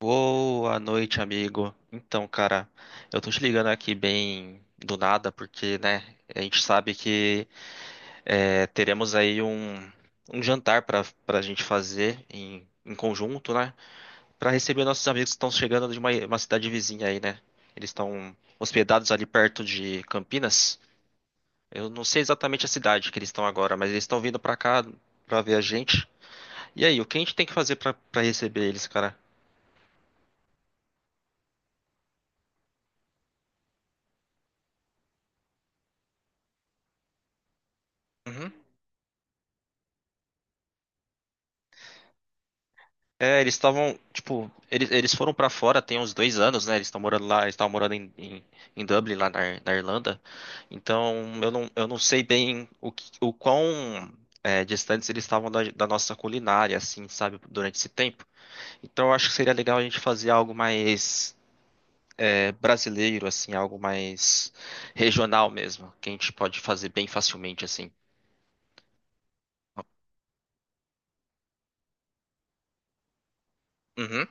Boa noite, amigo. Então, cara, eu tô te ligando aqui bem do nada, porque, né, a gente sabe que teremos aí um jantar pra gente fazer em conjunto, né, pra receber nossos amigos que estão chegando de uma cidade vizinha aí, né. Eles estão hospedados ali perto de Campinas. Eu não sei exatamente a cidade que eles estão agora, mas eles estão vindo pra cá pra ver a gente. E aí, o que a gente tem que fazer pra receber eles, cara? É, eles estavam, tipo, eles foram pra fora tem uns dois anos, né? Eles estão morando lá, eles estavam morando em Dublin, lá na, na Irlanda. Então, eu não sei bem o quão distantes eles estavam da nossa culinária, assim, sabe, durante esse tempo. Então, eu acho que seria legal a gente fazer algo mais brasileiro, assim, algo mais regional mesmo, que a gente pode fazer bem facilmente, assim. Uhum.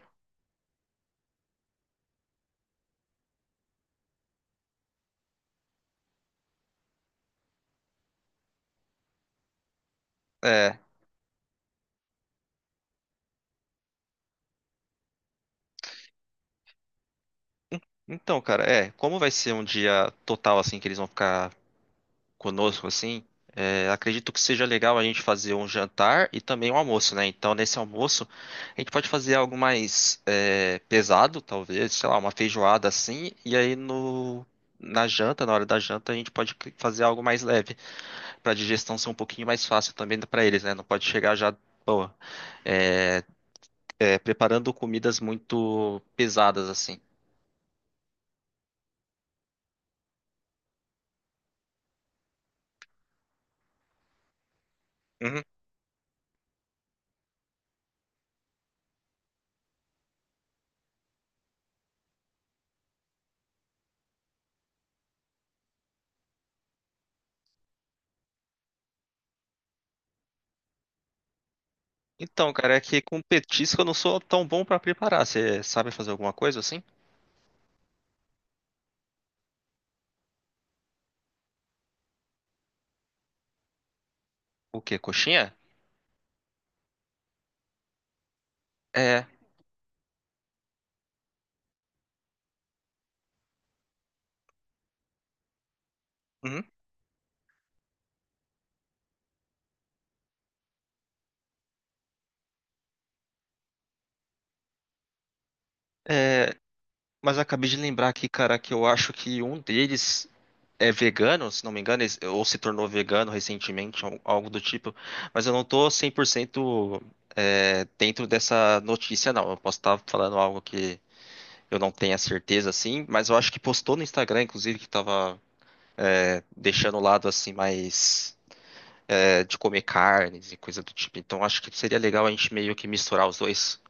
É. Então, cara, é, como vai ser um dia total assim que eles vão ficar conosco, assim, acredito que seja legal a gente fazer um jantar e também um almoço, né? Então, nesse almoço, a gente pode fazer algo mais pesado, talvez, sei lá, uma feijoada assim, e aí no. Na janta, na hora da janta, a gente pode fazer algo mais leve, para a digestão ser um pouquinho mais fácil também para eles, né? Não pode chegar já, pô, é, preparando comidas muito pesadas assim. Uhum. Então, cara, é que com petisco eu não sou tão bom para preparar. Você sabe fazer alguma coisa assim? O quê? Coxinha? É, uhum. É, mas eu acabei de lembrar aqui, cara, que eu acho que um deles é vegano, se não me engano, ou se tornou vegano recentemente, algo do tipo. Mas eu não tô 100% dentro dessa notícia, não. Eu posso estar falando algo que eu não tenha certeza, assim, mas eu acho que postou no Instagram, inclusive, que tava deixando o lado, assim, mais de comer carnes e coisa do tipo. Então acho que seria legal a gente meio que misturar os dois.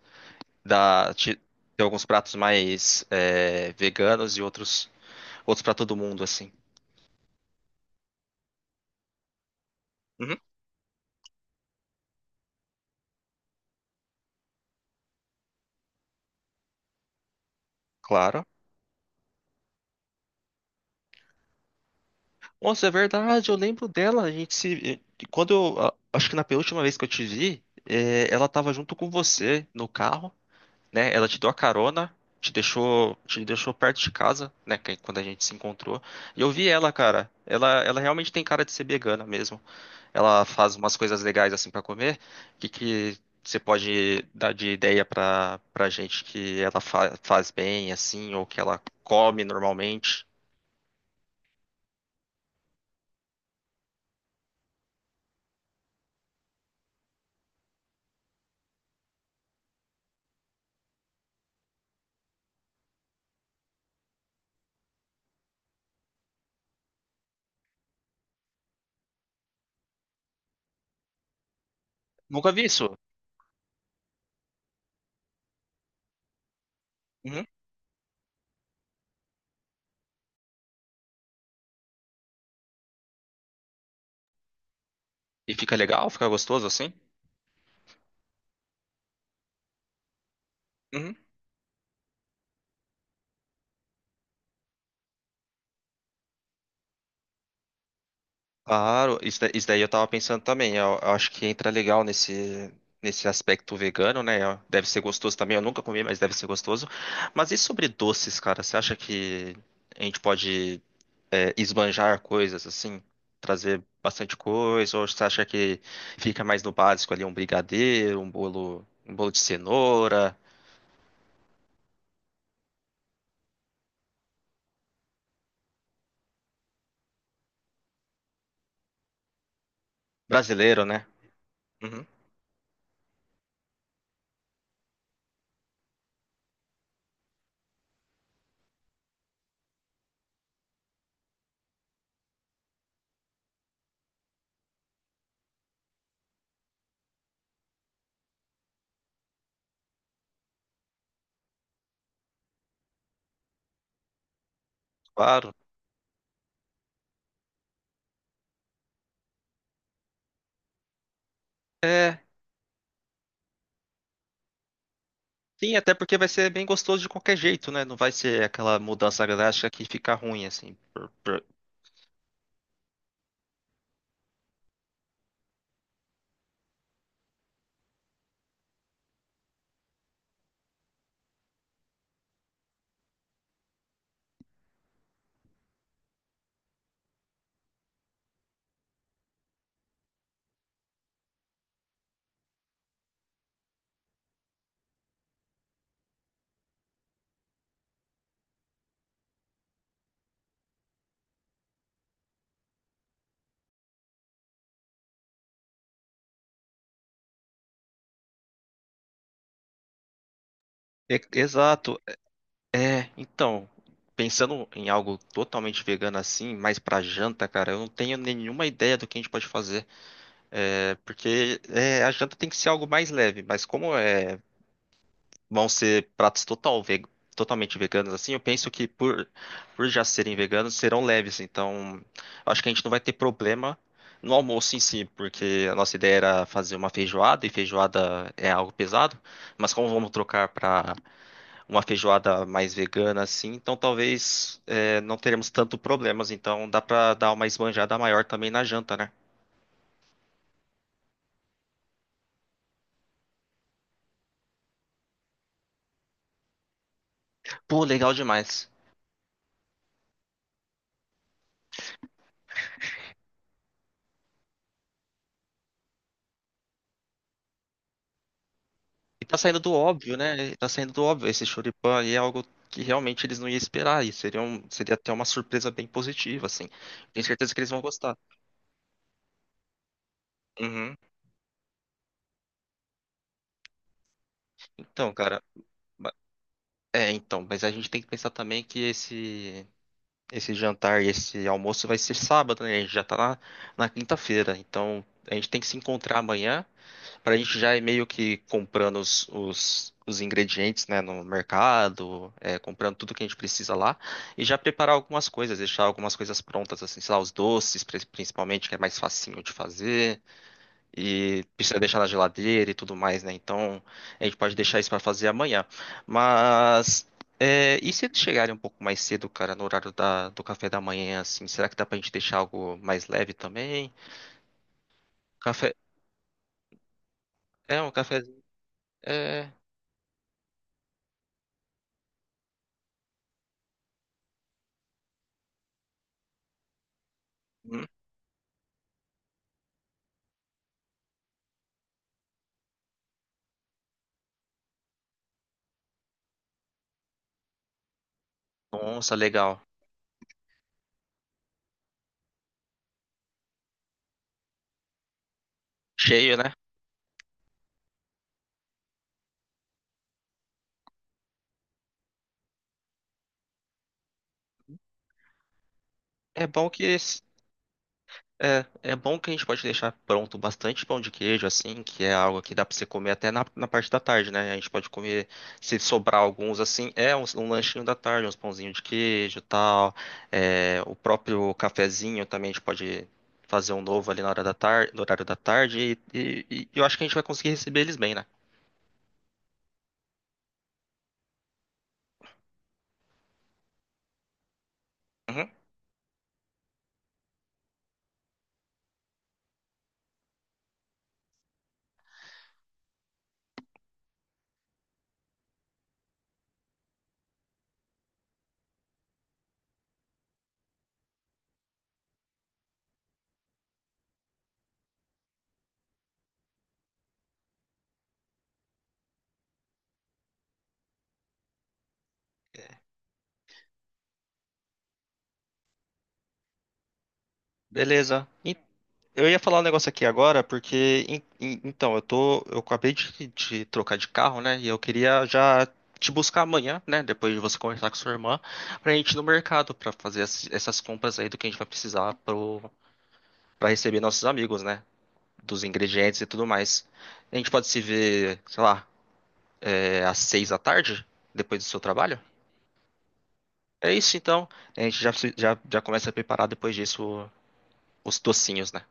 dá- ti- Tem alguns pratos mais veganos e outros outros para todo mundo, assim. Uhum, claro. Nossa, é verdade, eu lembro dela. A gente se. Quando eu. Acho que na penúltima vez que eu te vi, é, ela tava junto com você no carro, né? Ela te deu a carona, te deixou perto de casa, né? Quando a gente se encontrou. E eu vi ela, cara. Ela realmente tem cara de ser vegana mesmo. Ela faz umas coisas legais assim para comer. O que que você pode dar de ideia para para gente que ela faz bem assim ou que ela come normalmente? Nunca vi isso. Uhum. E fica legal, fica gostoso assim? Uhum. Claro, isso, isso daí eu tava pensando também. Eu acho que entra legal nesse nesse aspecto vegano, né? Deve ser gostoso também. Eu nunca comi, mas deve ser gostoso. Mas e sobre doces, cara? Você acha que a gente pode esbanjar coisas, assim, trazer bastante coisa, ou você acha que fica mais no básico ali, um brigadeiro, um bolo de cenoura, brasileiro, né? Uhum, claro. É, sim, até porque vai ser bem gostoso de qualquer jeito, né? Não vai ser aquela mudança drástica que fica ruim, assim. Exato. É, então, pensando em algo totalmente vegano assim, mais pra janta, cara, eu não tenho nenhuma ideia do que a gente pode fazer. É, porque é, a janta tem que ser algo mais leve, mas como é, vão ser pratos total ve- totalmente veganos assim, eu penso que por já serem veganos, serão leves. Então, acho que a gente não vai ter problema no almoço em si, porque a nossa ideia era fazer uma feijoada, e feijoada é algo pesado, mas como vamos trocar para uma feijoada mais vegana assim, então talvez não teremos tanto problemas. Então, dá para dar uma esbanjada maior também na janta, né? Pô, legal demais. E tá saindo do óbvio, né? E tá saindo do óbvio. Esse Choripan aí é algo que realmente eles não iam esperar. E seria, um, seria até uma surpresa bem positiva, assim. Tenho certeza que eles vão gostar. Uhum. Então, cara. ba- É, então. Mas a gente tem que pensar também que esse jantar e esse almoço vai ser sábado, né? A gente já tá na, na quinta-feira. Então, a gente tem que se encontrar amanhã. Pra gente já ir meio que comprando os ingredientes, né, no mercado, é, comprando tudo que a gente precisa lá, e já preparar algumas coisas, deixar algumas coisas prontas, assim, sei lá, os doces, principalmente, que é mais facinho de fazer, e precisa deixar na geladeira e tudo mais, né? Então, a gente pode deixar isso pra fazer amanhã. Mas, é, e se eles chegarem um pouco mais cedo, cara, no horário do café da manhã, assim, será que dá pra gente deixar algo mais leve também? Café, é um café, é... hum, nossa, legal. Cheio, né? É bom que esse- é, é bom que a gente pode deixar pronto bastante pão de queijo, assim, que é algo que dá pra você comer até na parte da tarde, né? A gente pode comer, se sobrar alguns, assim, é um lanchinho da tarde, uns pãozinhos de queijo e tal. É, o próprio cafezinho também a gente pode fazer um novo ali na hora da tarde, no horário da tarde, e, e eu acho que a gente vai conseguir receber eles bem, né? Uhum. Beleza. Eu ia falar um negócio aqui agora, porque então, eu tô, eu acabei de trocar de carro, né? E eu queria já te buscar amanhã, né? Depois de você conversar com sua irmã, pra gente ir no mercado pra fazer essas compras aí do que a gente vai precisar pra receber nossos amigos, né? Dos ingredientes e tudo mais. A gente pode se ver, sei lá, é, às 6 da tarde, depois do seu trabalho? É isso então. A gente já, já começa a preparar depois disso os docinhos, né?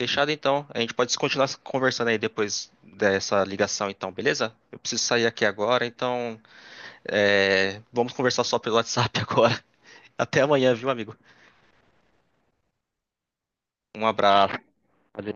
Fechado então. A gente pode continuar conversando aí depois dessa ligação, então, beleza? Eu preciso sair aqui agora, então vamos conversar só pelo WhatsApp agora. Até amanhã, viu, amigo? Um abraço. Valeu.